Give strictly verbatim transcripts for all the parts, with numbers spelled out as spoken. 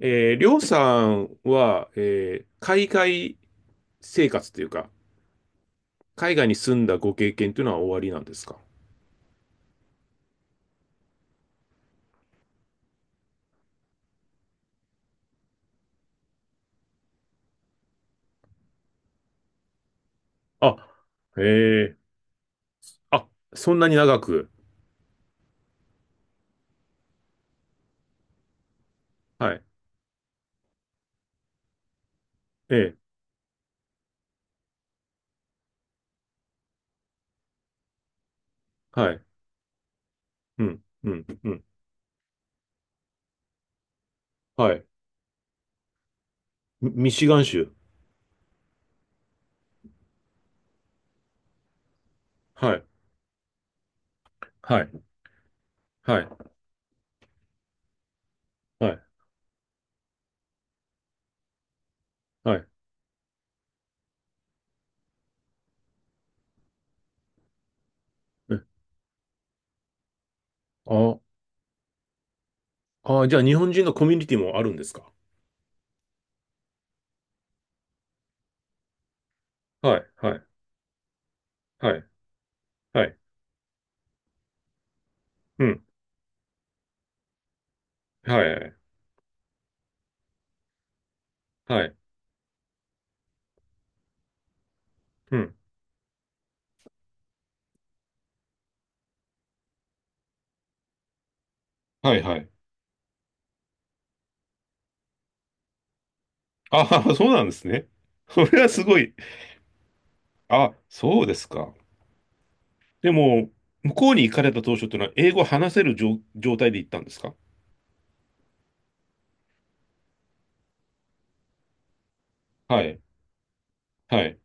えー、りょうさんは、えー海外生活というか、海外に住んだご経験というのは終わりなんですか？あ、ええ。あ、そんなに長く。はい。ええ。はい。うん、うん、うん。はい。ミミシガン州。はい、はい、はい、はい、はい。え。あ、あ、じゃあ日本人のコミュニティもあるんですか？はい、はい、はい、はい。うん、はい、はい、はい。うん。はい、はい。ああ、そうなんですね。それはすごい。あ、そうですか。でも、向こうに行かれた当初というのは、英語を話せる状、状態で行ったんですか？はい、はい、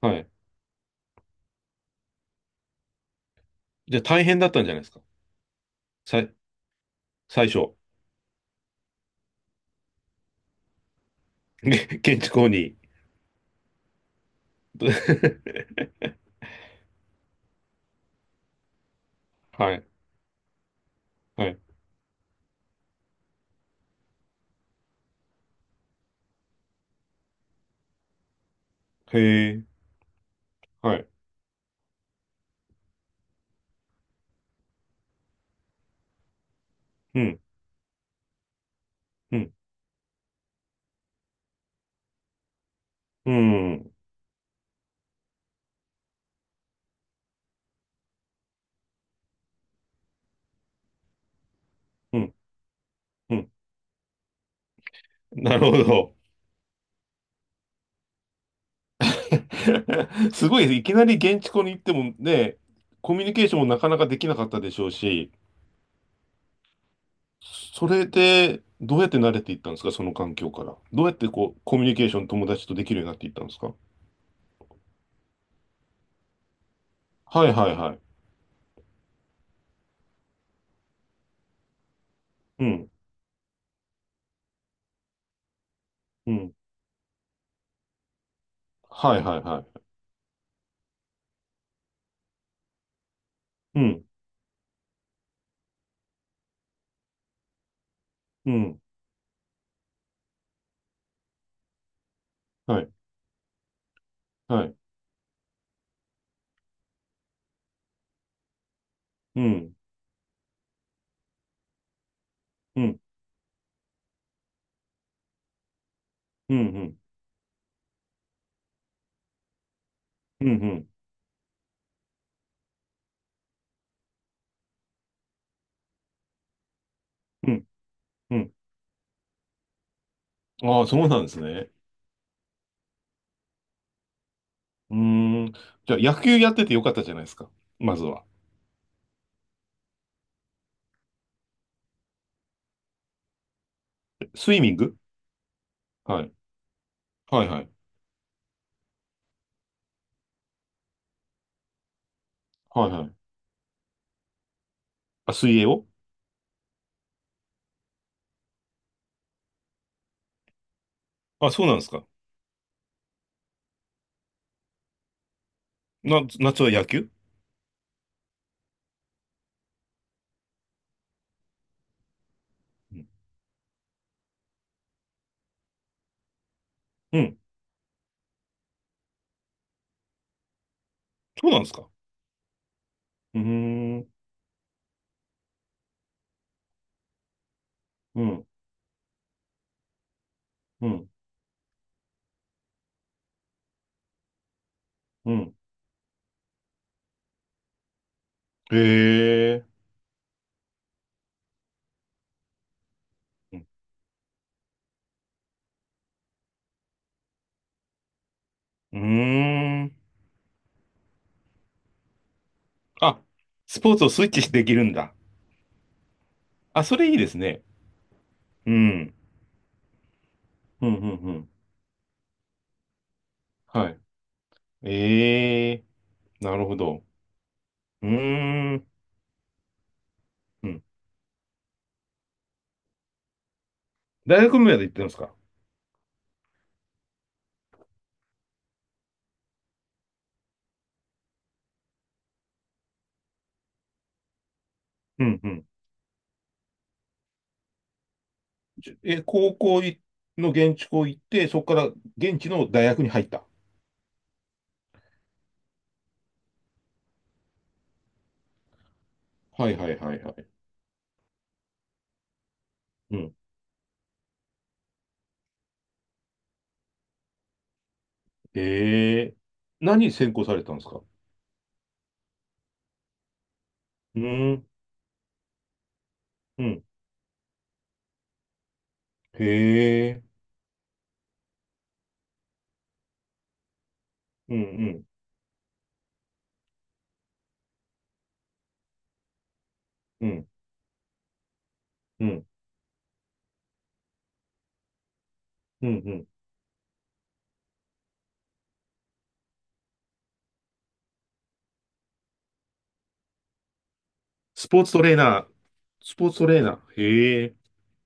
はい。じゃあ大変だったんじゃないですか？さい、最初。ね、現地校に。はい、はい。へえ、はい。うん、うん、うん、うん、うん。なるほど。すごい、いきなり現地校に行ってもね、コミュニケーションもなかなかできなかったでしょうし、それで、どうやって慣れていったんですか、その環境から。どうやってこう、コミュニケーション友達とできるようになっていったんですか？はいはいはい。うん、うん。はいはいはい。うん、うん。はい、はい。うん、うん、うん、うん、うん、うん、うん。うん。ああ、そうなんですね。うーん。じゃあ、野球やっててよかったじゃないですか。まずは。スイミング。はい。はいはい。はいはい。あ、水泳を。あ、そうなんですか。な、夏は野球。うん。うん。そうなんですか。うーん、うん、うん、うん。へえ。うん。うーん。あ、スポーツをスイッチしてできるんだ。あ、それいいですね。うん。うん、うん、うん。はい。ええ、なるほど。うーん。うん。大学まで行ってますか？うん、うん。じゃ、え、高校いの現地校行って、そこから現地の大学に入った。はい、はい、はい、はい。うん。ええ。何専攻されたんですか？うん、うん。へえ。うん、うん、うん、うん、うん、うん、スポーツトレーナー、スポーツトレーナー、へえ。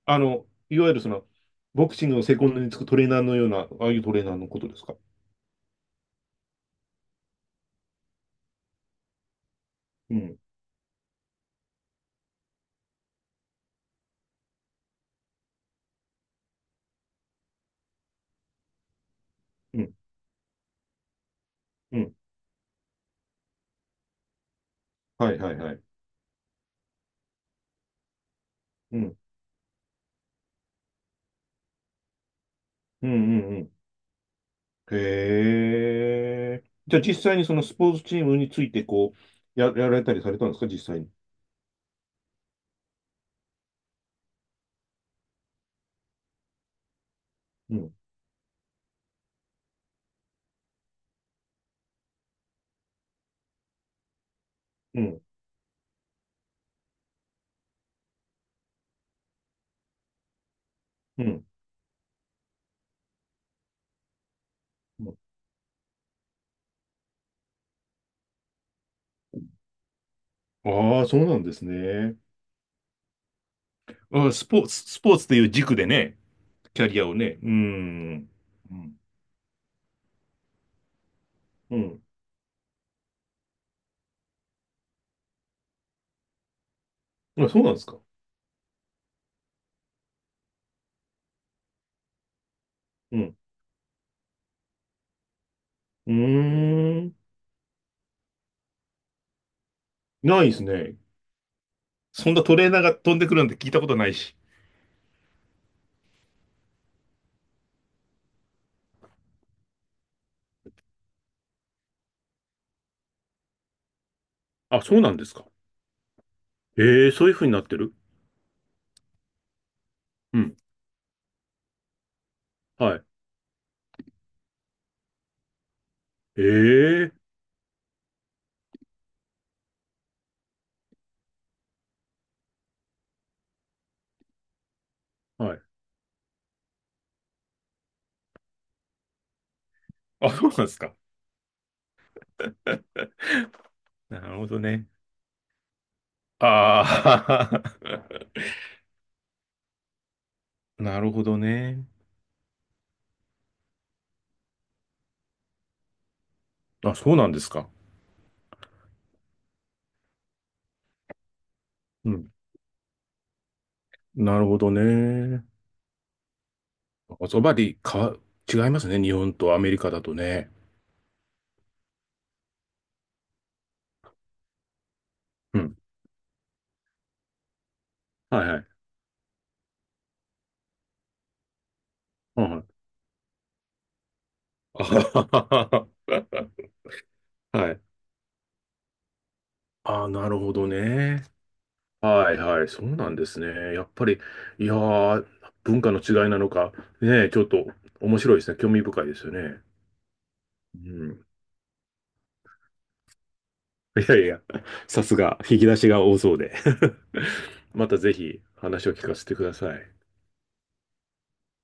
あの、いわゆるその、ボクシングのセコンドにつくトレーナーのような、ああいうトレーナーのことですか？うん、うん、うん。はい、はい、はい。うん、うん、うん、うん。へえ。じゃあ実際にそのスポーツチームについて、こう、や、やられたりされたんですか、実際に。うん、うん、うん。うん。ああ、そうなんですね。ああ、スポーツ、スポーツという軸でね、キャリアをね。うん。うん。うん。あ、そうなんですか。うん。うーん。ないですね。そんなトレーナーが飛んでくるなんて聞いたことないし。あ、そうなんですか。ええ、そういう風になってる。うん。はい。ええ、はい。あ、そうなんですか。なるほどね。ああ。なるほどね。あ、そうなんですか。うん。なるほどね。おそばでかわ、違いますね。日本とアメリカだとね。うん。はいはい。うん、はい。あはははは、はい。ああ、なるほどね。はいはい、そうなんですね。やっぱり、いやー、文化の違いなのか、ねえ、ちょっと面白いですね。興味深いですよね。うん。いやいや、さすが、引き出しが多そうで。またぜひ話を聞かせてください。